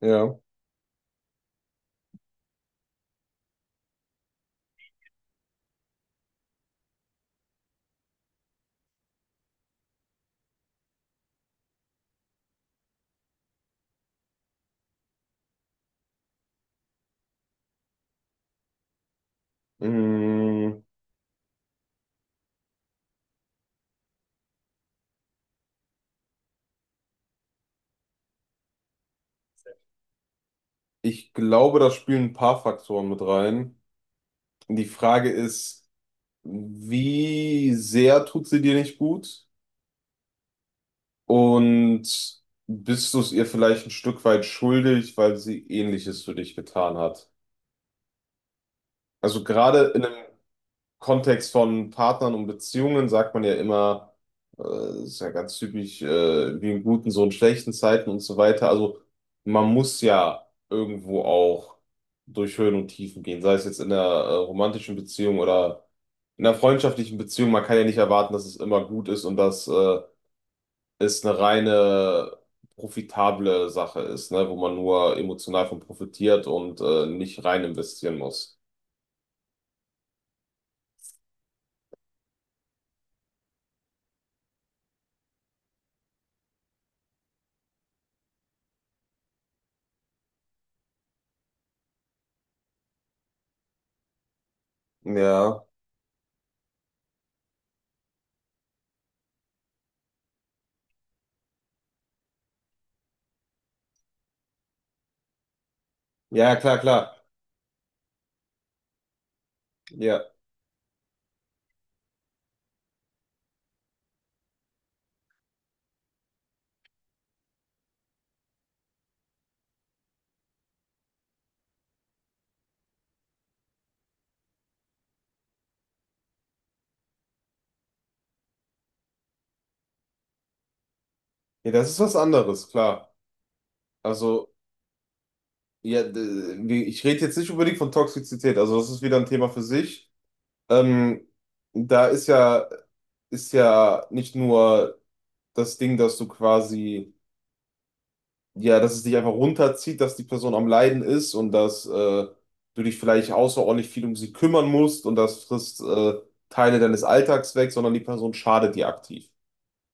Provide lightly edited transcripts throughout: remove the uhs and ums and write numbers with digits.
Ja. Mm, Ich glaube, da spielen ein paar Faktoren mit rein. Die Frage ist, wie sehr tut sie dir nicht gut? Und bist du es ihr vielleicht ein Stück weit schuldig, weil sie Ähnliches für dich getan hat? Also gerade in Kontext von Partnern und Beziehungen sagt man ja immer, ist ja ganz typisch, wie in guten, so in schlechten Zeiten und so weiter. Also man muss ja irgendwo auch durch Höhen und Tiefen gehen, sei es jetzt in der, romantischen Beziehung oder in der freundschaftlichen Beziehung. Man kann ja nicht erwarten, dass es immer gut ist und dass, es eine reine profitable Sache ist, ne, wo man nur emotional von profitiert und, nicht rein investieren muss. Ja, ja, klar. Ja. Ja, das ist was anderes, klar. Also, ja, ich rede jetzt nicht unbedingt von Toxizität, also das ist wieder ein Thema für sich. Ähm, da ist ja nicht nur das Ding, dass du quasi, ja, dass es dich einfach runterzieht, dass die Person am Leiden ist und dass du dich vielleicht außerordentlich viel um sie kümmern musst und das frisst Teile deines Alltags weg, sondern die Person schadet dir aktiv.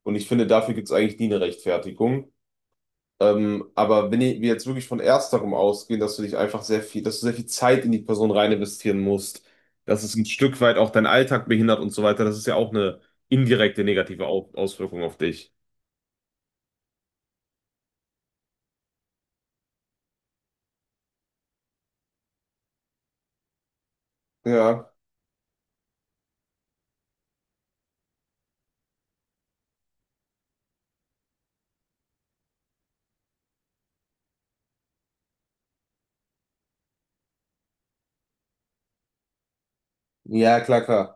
Und ich finde, dafür gibt es eigentlich nie eine Rechtfertigung. Aber wenn wir jetzt wirklich von ersterem ausgehen, dass du dich einfach sehr viel, dass du sehr viel Zeit in die Person rein investieren musst, dass es ein Stück weit auch deinen Alltag behindert und so weiter, das ist ja auch eine indirekte negative Au Auswirkung auf dich. Ja, ja, klar.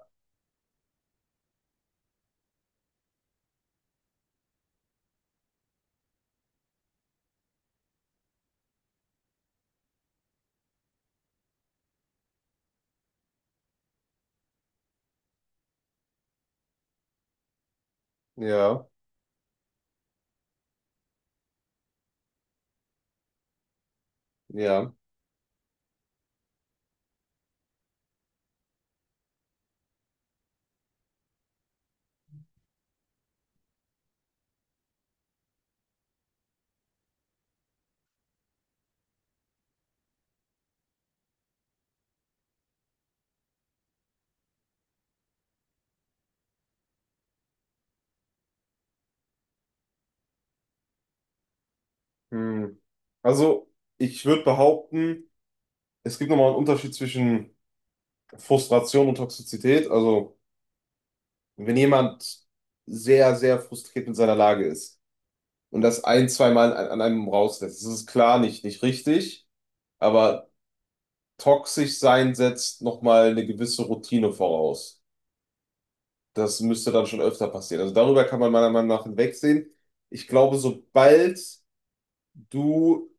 Ja, ja. Hm. Also, ich würde behaupten, es gibt nochmal einen Unterschied zwischen Frustration und Toxizität. Also, wenn jemand sehr, sehr frustriert mit seiner Lage ist, und das ein, zweimal an einem rauslässt. Das ist klar nicht richtig, aber toxisch sein setzt nochmal eine gewisse Routine voraus. Das müsste dann schon öfter passieren. Also darüber kann man meiner Meinung nach hinwegsehen. Ich glaube, sobald du,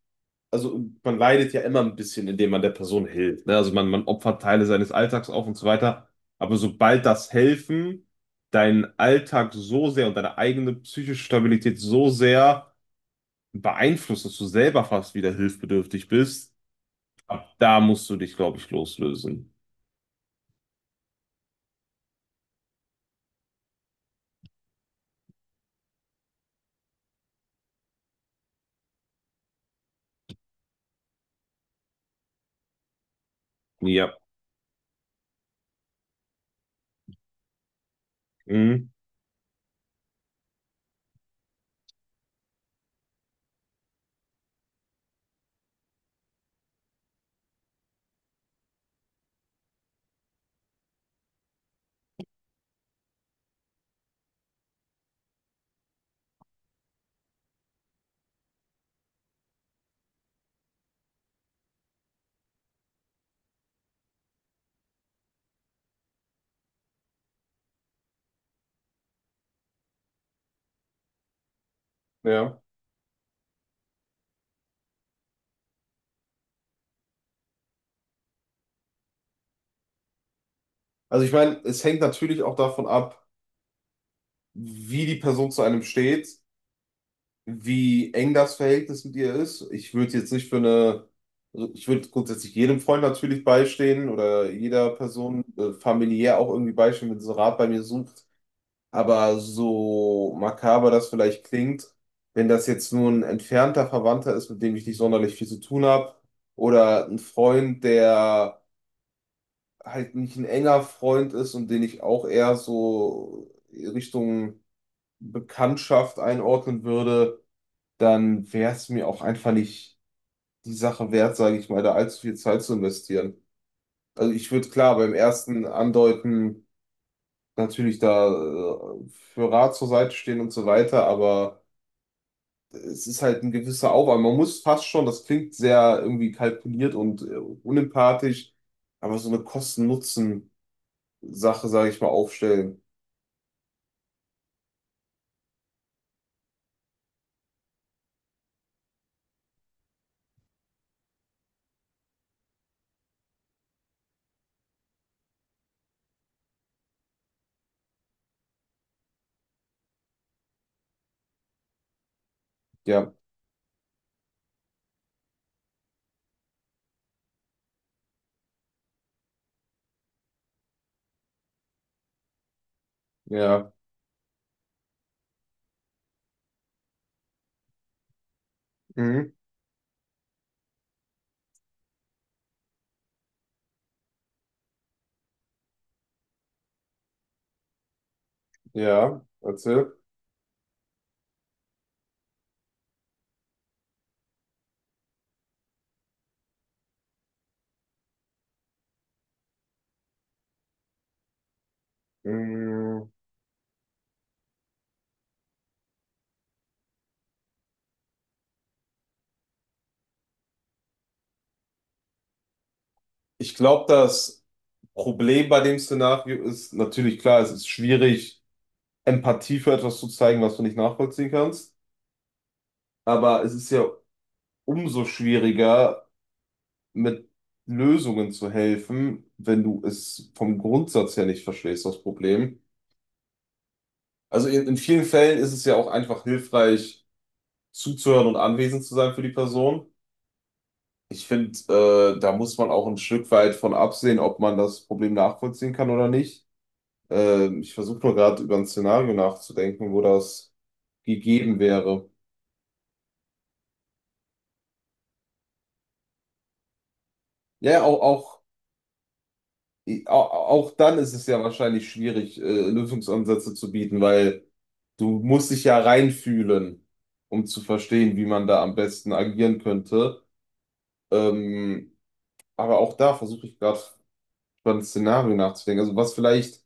also man leidet ja immer ein bisschen, indem man der Person hilft. Ne? Also man opfert Teile seines Alltags auf und so weiter. Aber sobald das Helfen deinen Alltag so sehr und deine eigene psychische Stabilität so sehr beeinflusst, dass du selber fast wieder hilfsbedürftig bist, ab da musst du dich, glaube ich, loslösen. Ja. Mhm. Ja. Also ich meine, es hängt natürlich auch davon ab, wie die Person zu einem steht, wie eng das Verhältnis mit ihr ist. Ich würde jetzt nicht für eine, also ich würde grundsätzlich jedem Freund natürlich beistehen oder jeder Person familiär auch irgendwie beistehen, wenn sie Rat bei mir sucht. Aber so makaber das vielleicht klingt, wenn das jetzt nur ein entfernter Verwandter ist, mit dem ich nicht sonderlich viel zu tun habe, oder ein Freund, der halt nicht ein enger Freund ist und den ich auch eher so Richtung Bekanntschaft einordnen würde, dann wäre es mir auch einfach nicht die Sache wert, sage ich mal, da allzu viel Zeit zu investieren. Also ich würde klar beim ersten Andeuten natürlich da für Rat zur Seite stehen und so weiter, aber es ist halt ein gewisser Aufwand. Man muss fast schon, das klingt sehr irgendwie kalkuliert und unempathisch, aber so eine Kosten-Nutzen-Sache, sage ich mal, aufstellen. Ja, ja, mhm. Ja, erzähl. Mhm. Ich glaube, das Problem bei dem Szenario ist natürlich klar, es ist schwierig, Empathie für etwas zu zeigen, was du nicht nachvollziehen kannst, aber es ist ja umso schwieriger, mit Lösungen zu helfen, wenn du es vom Grundsatz her nicht verstehst, das Problem. Also in vielen Fällen ist es ja auch einfach hilfreich, zuzuhören und anwesend zu sein für die Person. Ich finde, da muss man auch ein Stück weit von absehen, ob man das Problem nachvollziehen kann oder nicht. Ich versuche nur gerade über ein Szenario nachzudenken, wo das gegeben wäre. Ja, auch auch dann ist es ja wahrscheinlich schwierig, Lösungsansätze zu bieten, weil du musst dich ja reinfühlen, um zu verstehen, wie man da am besten agieren könnte. Ähm, aber auch da versuche ich gerade über ein Szenario nachzudenken. Also was vielleicht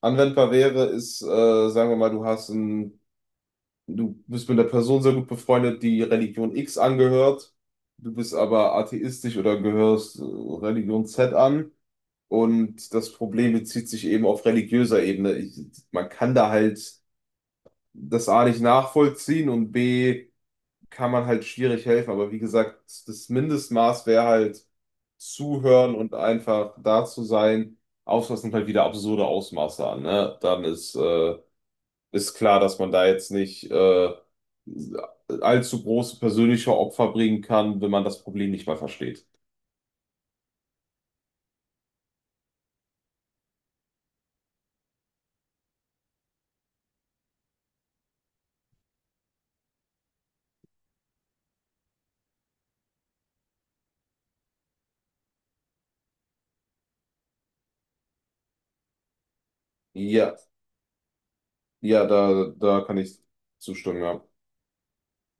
anwendbar wäre, ist, sagen wir mal, du bist mit einer Person sehr gut befreundet, die Religion X angehört, du bist aber atheistisch oder gehörst Religion Z an. Und das Problem bezieht sich eben auf religiöser Ebene. Man kann da halt das A nicht nachvollziehen und B kann man halt schwierig helfen. Aber wie gesagt, das Mindestmaß wäre halt zuhören und einfach da zu sein. Ausmaß nimmt halt wieder absurde Ausmaße an, ne? Dann ist klar, dass man da jetzt nicht allzu große persönliche Opfer bringen kann, wenn man das Problem nicht mal versteht. Ja, ja, da kann ich zustimmen, ja.